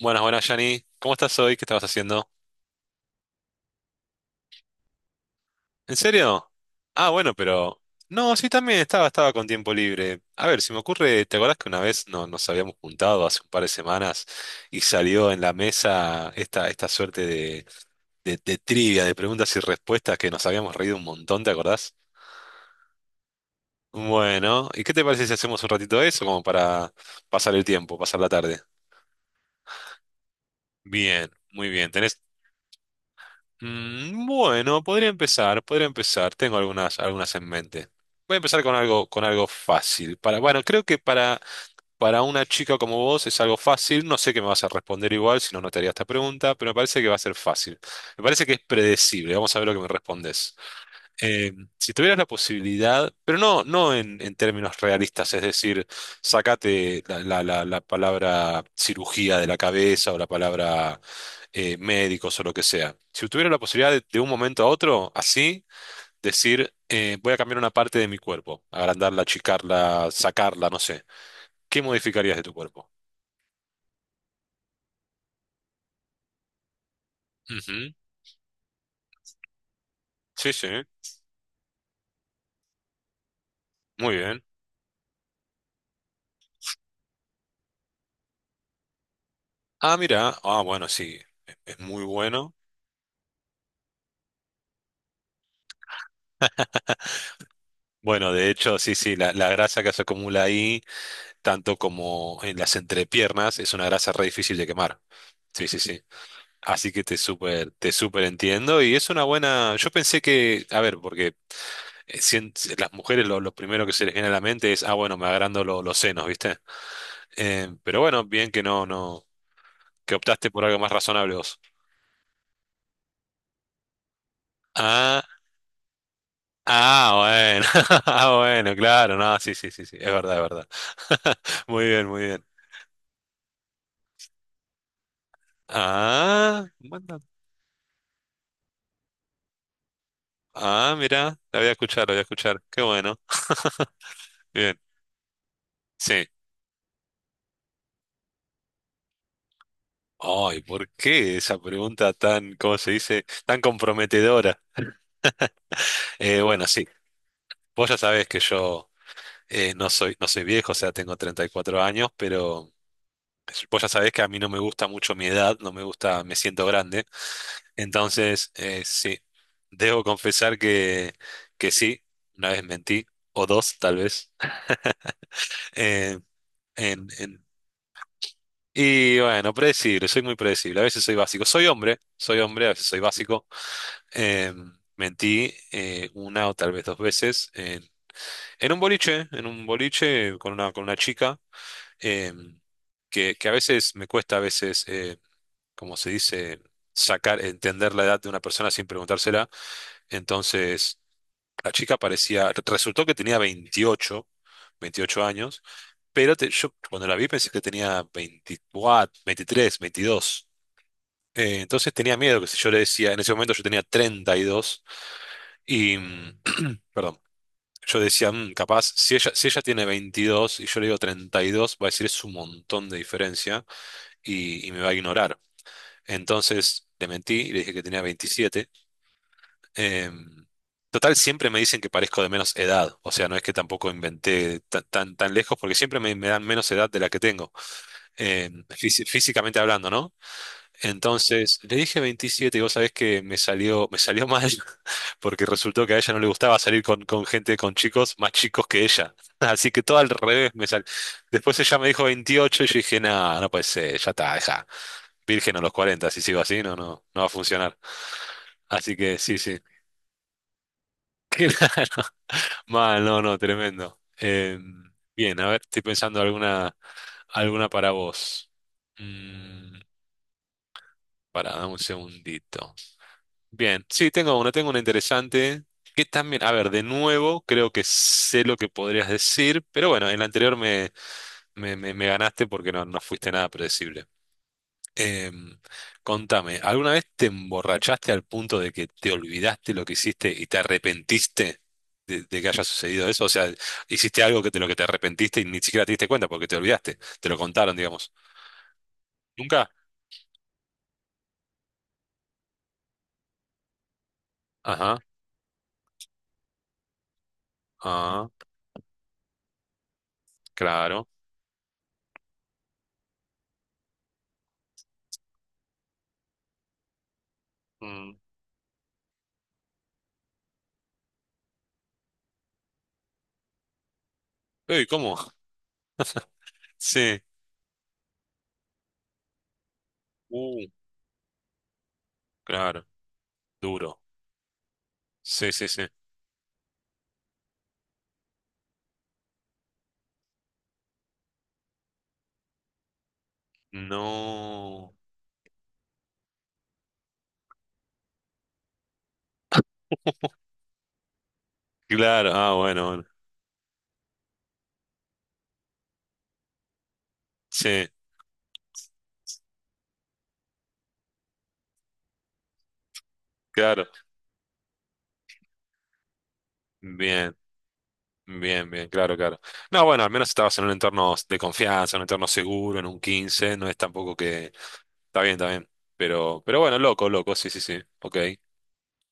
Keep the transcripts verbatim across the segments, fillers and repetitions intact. Buenas, buenas, Yanni. ¿Cómo estás hoy? ¿Qué estabas haciendo? ¿En serio? Ah, bueno, pero... No, sí, también estaba, estaba con tiempo libre. A ver, si me ocurre, ¿te acordás que una vez no, nos habíamos juntado hace un par de semanas y salió en la mesa esta, esta suerte de, de, de trivia, de preguntas y respuestas que nos habíamos reído un montón, ¿te acordás? Bueno, ¿y qué te parece si hacemos un ratito de eso como para pasar el tiempo, pasar la tarde? Bien, muy bien. ¿Tenés? Mm, bueno, podría empezar, podría empezar. Tengo algunas, algunas en mente. Voy a empezar con algo, con algo fácil. Para, bueno, creo que para, para una chica como vos es algo fácil. No sé qué me vas a responder igual, si no, no te haría esta pregunta, pero me parece que va a ser fácil. Me parece que es predecible. Vamos a ver lo que me respondes, eh, si tuvieras la posibilidad, pero no, no en, en términos realistas, es decir, sacate la, la- la- la palabra cirugía de la cabeza o la palabra, eh, médicos o lo que sea. Si tuviera la posibilidad de, de un momento a otro, así, decir, eh, voy a cambiar una parte de mi cuerpo, agrandarla, achicarla, sacarla, no sé, ¿qué modificarías de tu cuerpo? Ujú, sí, sí, muy bien. Ah, mira, ah, bueno, sí, es, es muy bueno. Bueno, de hecho, sí, sí, la, la grasa que se acumula ahí. Tanto como en las entrepiernas, es una grasa re difícil de quemar. Sí, sí, sí. Así que te súper, te súper entiendo y es una buena... Yo pensé que, a ver, porque eh, sien- las mujeres lo, lo primero que se les viene a la mente es, ah, bueno, me agrando lo- los senos, ¿viste? Eh, pero bueno, bien que no, no, que optaste por algo más razonable vos. Ah, ah, bueno, ah, bueno, claro, no, sí, sí, sí, sí, es verdad, es verdad. Muy bien, muy bien. Ah, bueno. Ah, mira, la voy a escuchar, la voy a escuchar. Qué bueno. Bien, sí. Ay, ¿por qué esa pregunta tan, cómo se dice, tan comprometedora? Eh, bueno, sí, vos ya sabés que yo, eh, no soy, no soy viejo, o sea, tengo treinta y cuatro años, pero vos ya sabés que a mí no me gusta mucho mi edad, no me gusta, me siento grande. Entonces, eh, sí, debo confesar que, que sí, una vez mentí, o dos tal vez. Eh, en, en- y bueno, predecible, soy muy predecible, a veces soy básico. Soy hombre, soy hombre, a veces soy básico. Eh, mentí, eh, una o tal vez dos veces en, en un boliche, en un boliche con una, con una chica, eh, que, que a veces me cuesta, a veces, eh, como se dice, sacar, entender la edad de una persona sin preguntársela. Entonces, la chica parecía, resultó que tenía veintiocho veintiocho años, pero te- yo cuando la vi pensé que tenía veinticuatro, veintitrés, veintidós. Eh, entonces tenía miedo que si yo le decía, en ese momento yo tenía treinta y... dos y perdón. Yo decía, "Mm, capaz, si ella, si ella tiene veintidós y yo le digo treinta y dos, va a decir es un montón de diferencia y, y me va a ignorar". Entonces le mentí y le dije que tenía veintisiete. Em, total, siempre me dicen que parezco de menos edad. O sea, no es que tampoco inventé ta- tan, tan, lejos porque siempre me, me dan menos edad de la que tengo, em, fisi- físicamente hablando, ¿no? Entonces le dije veintisiete y vos sabés que me salió, me salió mal, porque resultó que a ella no le gustaba salir con, con gente, con chicos más chicos que ella. Así que todo al revés me salió. Después ella me dijo veintiocho y yo dije, no, no puede ser, ya está, deja. Virgen a los cuarenta, si sigo así, no, no, no va a funcionar. Así que sí, sí. Claro. Mal, no, no, tremendo. Eh, bien, a ver, estoy pensando alguna, alguna para vos. Mm, para, dame un segundito. Bien, sí, tengo una, tengo una interesante. Que también, a ver, de nuevo, creo que sé lo que podrías decir, pero bueno, en la anterior me, me, me- me ganaste porque no, no fuiste nada predecible. Em, contame, ¿alguna vez te emborrachaste al punto de que te olvidaste lo que hiciste y te arrepentiste de, de que haya sucedido eso? O sea, hiciste algo que de lo que te arrepentiste y ni siquiera te diste cuenta porque te olvidaste, te lo contaron, digamos. ¿Nunca? Ajá, ah, claro. Mm. Uy, ¿cómo? Sí. Uh, claro. Duro. Sí, sí, sí. No. Claro, ah, bueno, bueno. Sí, claro. Bien, bien, bien, claro, claro. No, bueno, al menos estabas en un entorno de confianza, en un entorno seguro, en un quince no es tampoco que... Está bien, está bien. Pero, pero bueno, loco, loco, sí, sí, sí. Ok.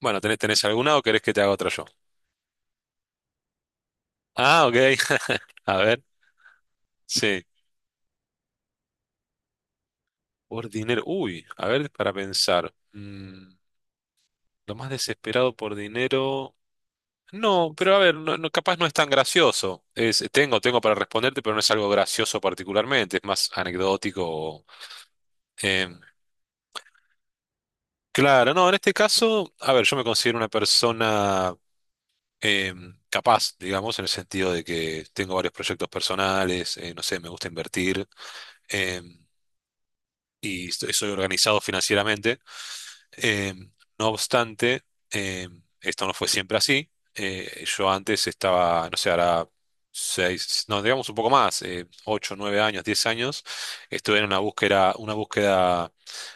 Bueno, ¿tenés, tenés alguna o querés que te haga otra yo? Ah, ok. A ver, sí. Por dinero. Uy, a ver, para pensar. Mm, lo más desesperado por dinero. No, pero a ver, no, no- capaz no es tan gracioso. Es, tengo, tengo para responderte, pero no es algo gracioso particularmente, es más anecdótico. o, em, claro, no, en este caso, a ver, yo me considero una persona em, capaz, digamos, en el sentido de que tengo varios proyectos personales, eh, no sé, me gusta invertir, em, y estoy- soy organizado financieramente. Eh, no obstante, eh, esto no fue siempre así. Eh, yo antes estaba, no sé, ahora seis, no, digamos un poco más, eh, ocho, nueve años, diez años, estuve en una búsqueda, una búsqueda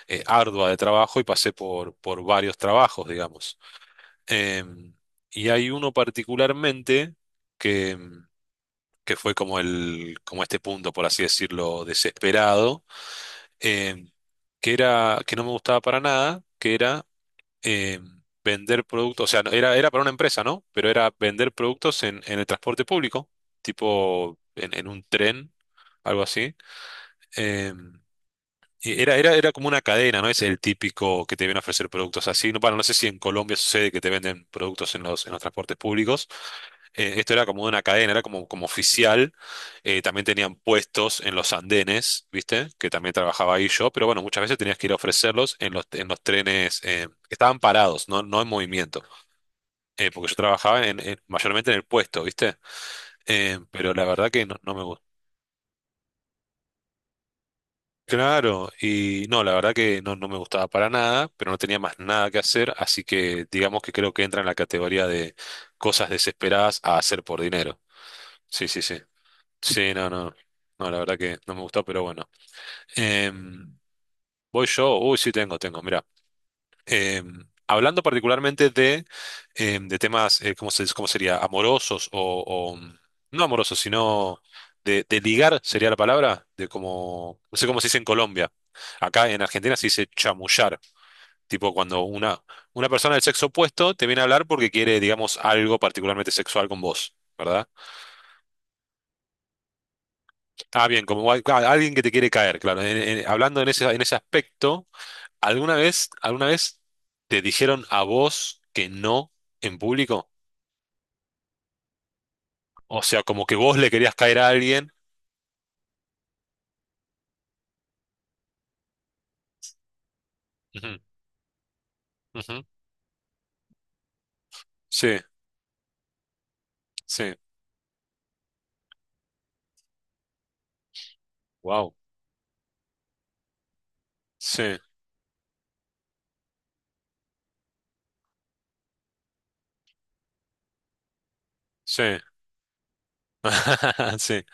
eh, ardua de trabajo y pasé por, por varios trabajos, digamos. Eh, y hay uno particularmente que, que fue como el, como este punto, por así decirlo, desesperado, eh, que era, que no me gustaba para nada, que era, eh, vender productos, o sea, no- era, era para una empresa, ¿no? Pero era vender productos en, en el transporte público, tipo en, en un tren, algo así. em, y Era, era, era como una cadena, ¿no? Es el típico que te viene a ofrecer productos así. No, bueno, no sé si en Colombia sucede que te venden productos en los, en los transportes públicos. Eh, esto era como una cadena, era como, como oficial. Eh, también tenían puestos en los andenes, ¿viste? Que también trabajaba ahí yo. Pero bueno, muchas veces tenías que ir a ofrecerlos en los, en los trenes, eh, que estaban parados, no, no en movimiento. Eh, porque yo trabajaba en, en- mayormente en el puesto, ¿viste? Eh, pero la verdad que no, no me gustó. Claro, y no, la verdad que no, no me gustaba para nada, pero no tenía más nada que hacer, así que digamos que creo que entra en la categoría de cosas desesperadas a hacer por dinero. Sí, sí, sí. Sí, no, no, no, la verdad que no me gustó, pero bueno. Em, voy yo, uy, sí tengo, tengo, mira. Em, hablando particularmente de, em, de temas, eh, ¿cómo se, cómo sería? Amorosos o, o, mm, no amorosos, sino de, de ligar, sería la palabra, de como, no sé cómo se dice en Colombia. Acá en Argentina se dice chamullar, tipo cuando una, una persona del sexo opuesto te viene a hablar porque quiere, digamos, algo particularmente sexual con vos, ¿verdad? Ah, bien, como al- ah, alguien que te quiere caer, claro. En- en- hablando en ese, en ese aspecto. ¿Alguna vez, alguna vez te dijeron a vos que no en público? O sea, como que vos le querías caer a alguien. Ujú, ujú. Sí, sí. Wow. Sí, sí. Sí.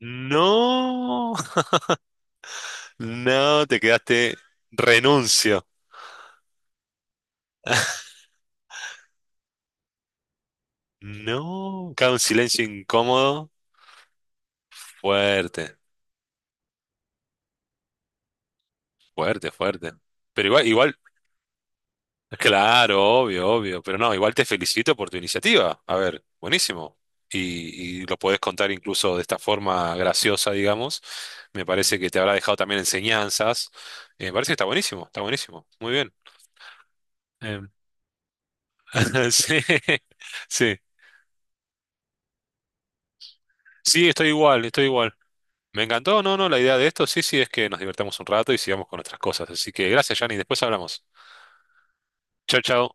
No. No, te quedaste. Renuncio. No. Cada un silencio incómodo. Fuerte, fuerte, fuerte. Pero igual, igual, claro, obvio, obvio, pero no, igual te felicito por tu iniciativa. A ver, buenísimo. Y, y lo podés contar incluso de esta forma graciosa, digamos. Me parece que te habrá dejado también enseñanzas. Eh, me parece que está buenísimo, está buenísimo. Muy bien. Em, sí, sí, sí, estoy igual, estoy igual. Me encantó, no, no, la idea de esto, sí, sí, es que nos divertamos un rato y sigamos con otras cosas. Así que gracias, Yanni, después hablamos. Chao, chao.